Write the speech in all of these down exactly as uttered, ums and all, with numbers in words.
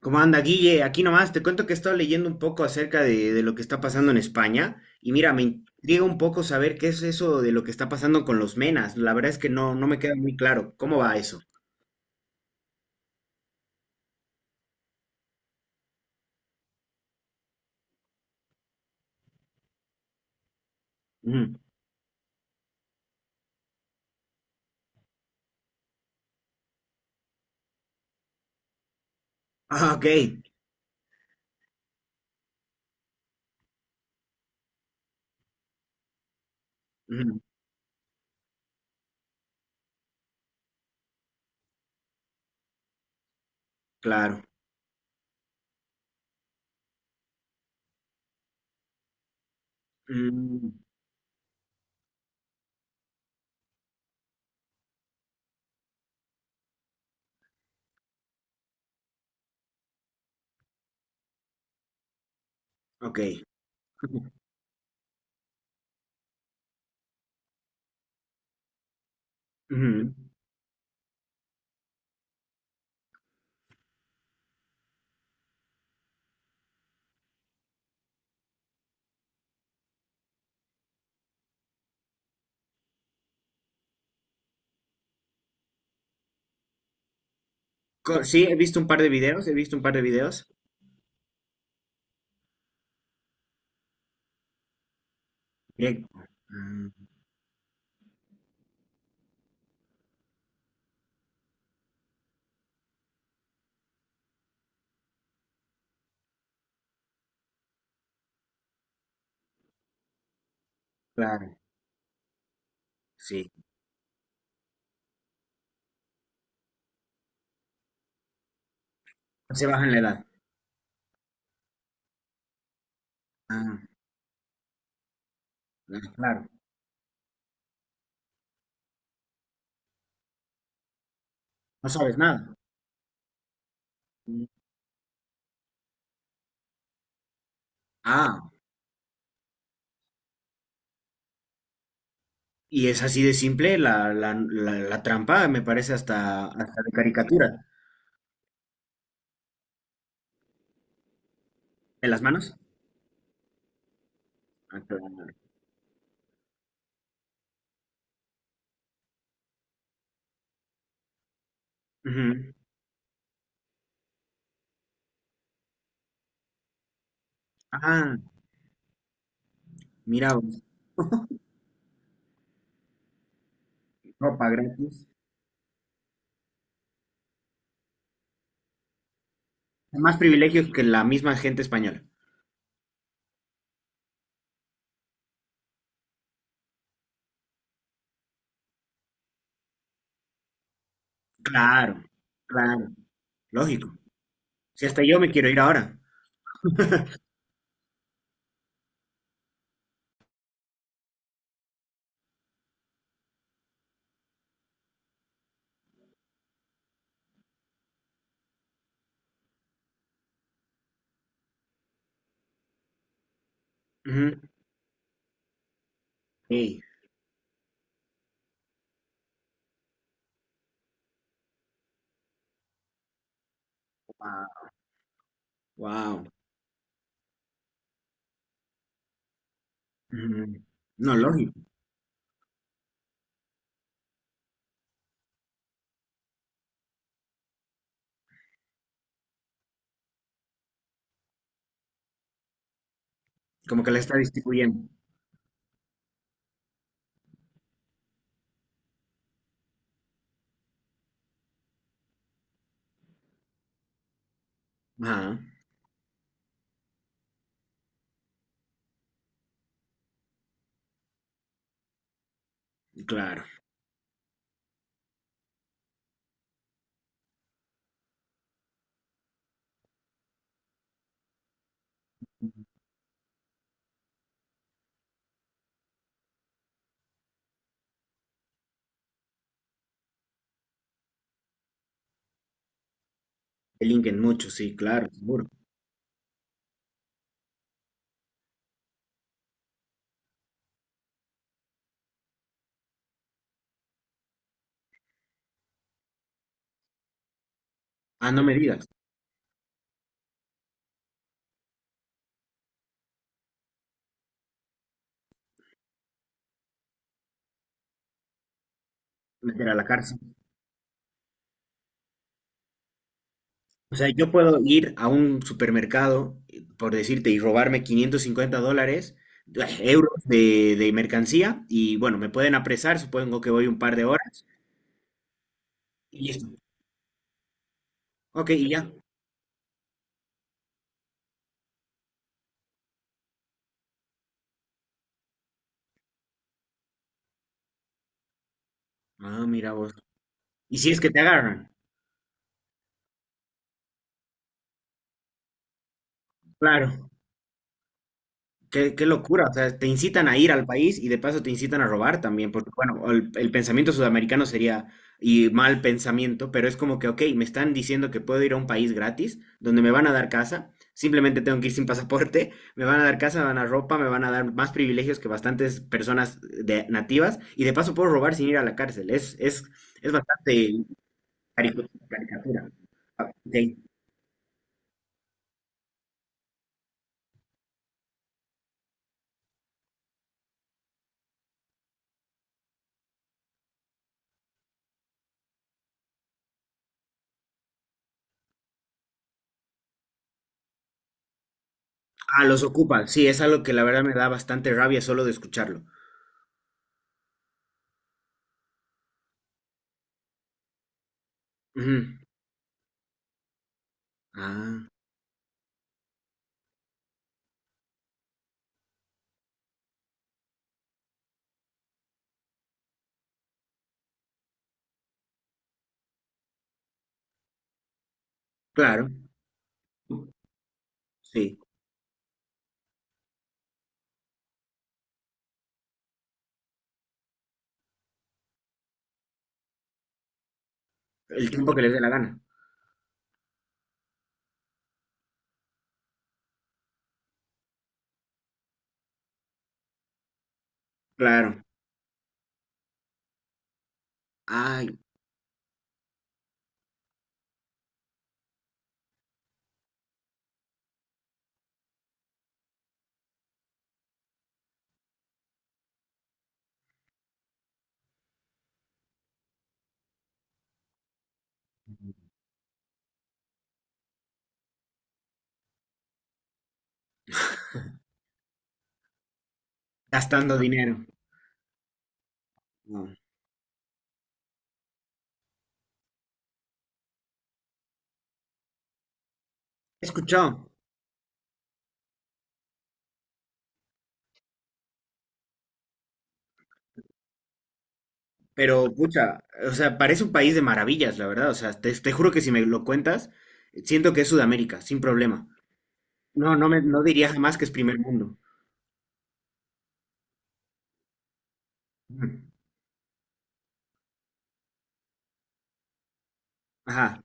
¿Cómo anda, Guille? Aquí nomás te cuento que he estado leyendo un poco acerca de, de lo que está pasando en España y mira, me intriga un poco saber qué es eso de lo que está pasando con los menas. La verdad es que no, no me queda muy claro. ¿Cómo va eso? Ujú. Ah, ok. Ujú, claro. Mm, ok. Ujú. Co- Sí, he visto un par de videos, he visto un par de videos. Bien. Mm, claro, sí. Se bajan la edad. Ah, ah, claro. No sabes nada. Mm. Ah, y es así de simple la, la, la, la trampa, me parece hasta, hasta de caricatura. ¿En las manos? Ah, claro. Ujú. Ah, mira, vos, ropa gratis. Más privilegios que la misma gente española. Claro, claro, lógico. Si hasta yo me quiero ir ahora. Ujú. Ey, wow. Ujú. No, lógico. Como que la está distribuyendo. Ajá, claro. Delinquen mucho, sí, claro, seguro. Ah, no me digas. Meter a la cárcel. O sea, yo puedo ir a un supermercado, eh, por decirte, y robarme quinientos cincuenta dólares, eh, euros de, de mercancía, y bueno, me pueden apresar, supongo que voy un par de horas, y listo. Ok, y ya. Ah, mira vos. ¿Y si es que te agarran? Claro. Qué, qué locura, o sea, te incitan a ir al país y de paso te incitan a robar también, porque bueno, el, el pensamiento sudamericano sería, y mal pensamiento, pero es como que, ok, me están diciendo que puedo ir a un país gratis, donde me van a dar casa, simplemente tengo que ir sin pasaporte, me van a dar casa, me van a dar ropa, me van a dar más privilegios que bastantes personas de, nativas, y de paso puedo robar sin ir a la cárcel, es, es, es bastante caricu- caricatura. Ah, ok. Ah, los ocupan, sí, es algo que la verdad me da bastante rabia solo de escucharlo. Ujú. Ah. Claro, sí. El tiempo que les dé la gana. Claro. Ay, gastando dinero. No. He escuchado, pero pucha, o sea, parece un país de maravillas, la verdad. O sea, te, te juro que si me lo cuentas, siento que es Sudamérica, sin problema. No, no me, no diría jamás que es primer mundo. Ujú. Ajá,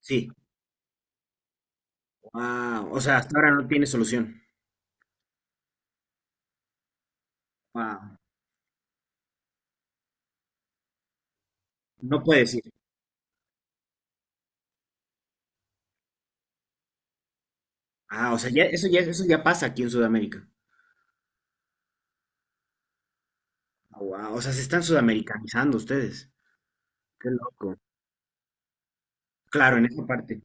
sí. Wow. O sea, hasta ahora no tiene solución. Wow. No puedes ir. Ah, o sea, ya, eso ya, eso ya pasa aquí en Sudamérica. Wow. O sea, se están sudamericanizando ustedes. Qué loco. Claro, en esa parte.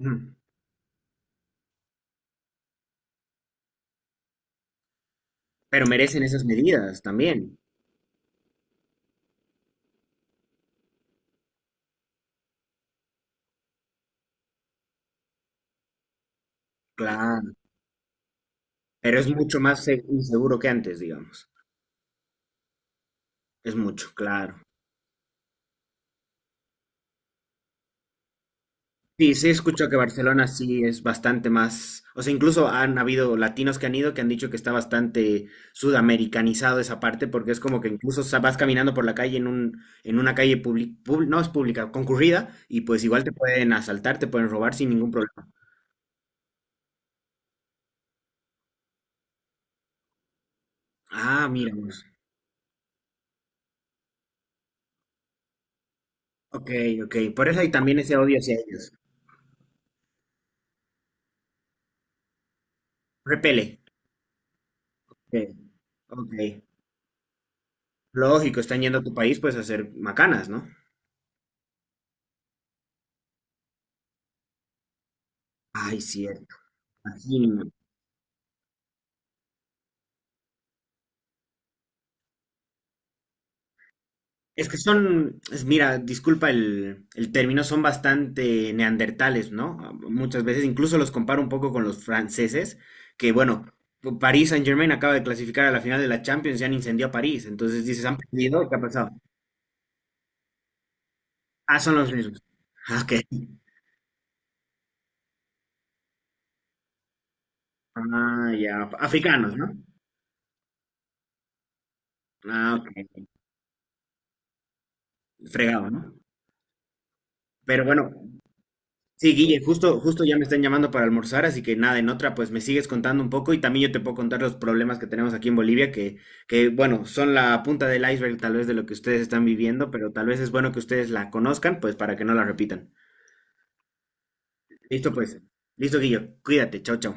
Ujú. Pero merecen esas medidas también, claro. Pero es mucho más se- inseguro que antes, digamos. Es mucho, claro. Sí, sí escucho que Barcelona sí es bastante más, o sea, incluso han habido latinos que han ido que han dicho que está bastante sudamericanizado esa parte, porque es como que incluso sa- vas caminando por la calle en un, en una calle publi- pub- no es pública, concurrida, y pues igual te pueden asaltar, te pueden robar sin ningún problema. Ah, mira, pues. ok, ok, por eso hay también ese odio hacia ellos. Repele. Ok, ok. Lógico, están yendo a tu país pues a hacer macanas, ¿no? Ay, cierto. imagino. Es que son, es- mira, disculpa el, el término, son bastante neandertales, ¿no? Muchas veces incluso los comparo un poco con los franceses, que bueno, París Saint-Germain acaba de clasificar a la final de la Champions y han incendiado París, entonces dices, han perdido, ¿qué ha pasado? Ah, son los mismos. Ah, ok. Ah, ya, africanos, ¿no? Ah, ok. Fregado, ¿no? Pero bueno, sí, Guille, justo, justo ya me están llamando para almorzar, así que nada, en otra pues me sigues contando un poco y también yo te puedo contar los problemas que tenemos aquí en Bolivia, que, que, bueno, son la punta del iceberg tal vez de lo que ustedes están viviendo, pero tal vez es bueno que ustedes la conozcan pues para que no la repitan. Listo pues, listo Guillo, cuídate, chao, chao.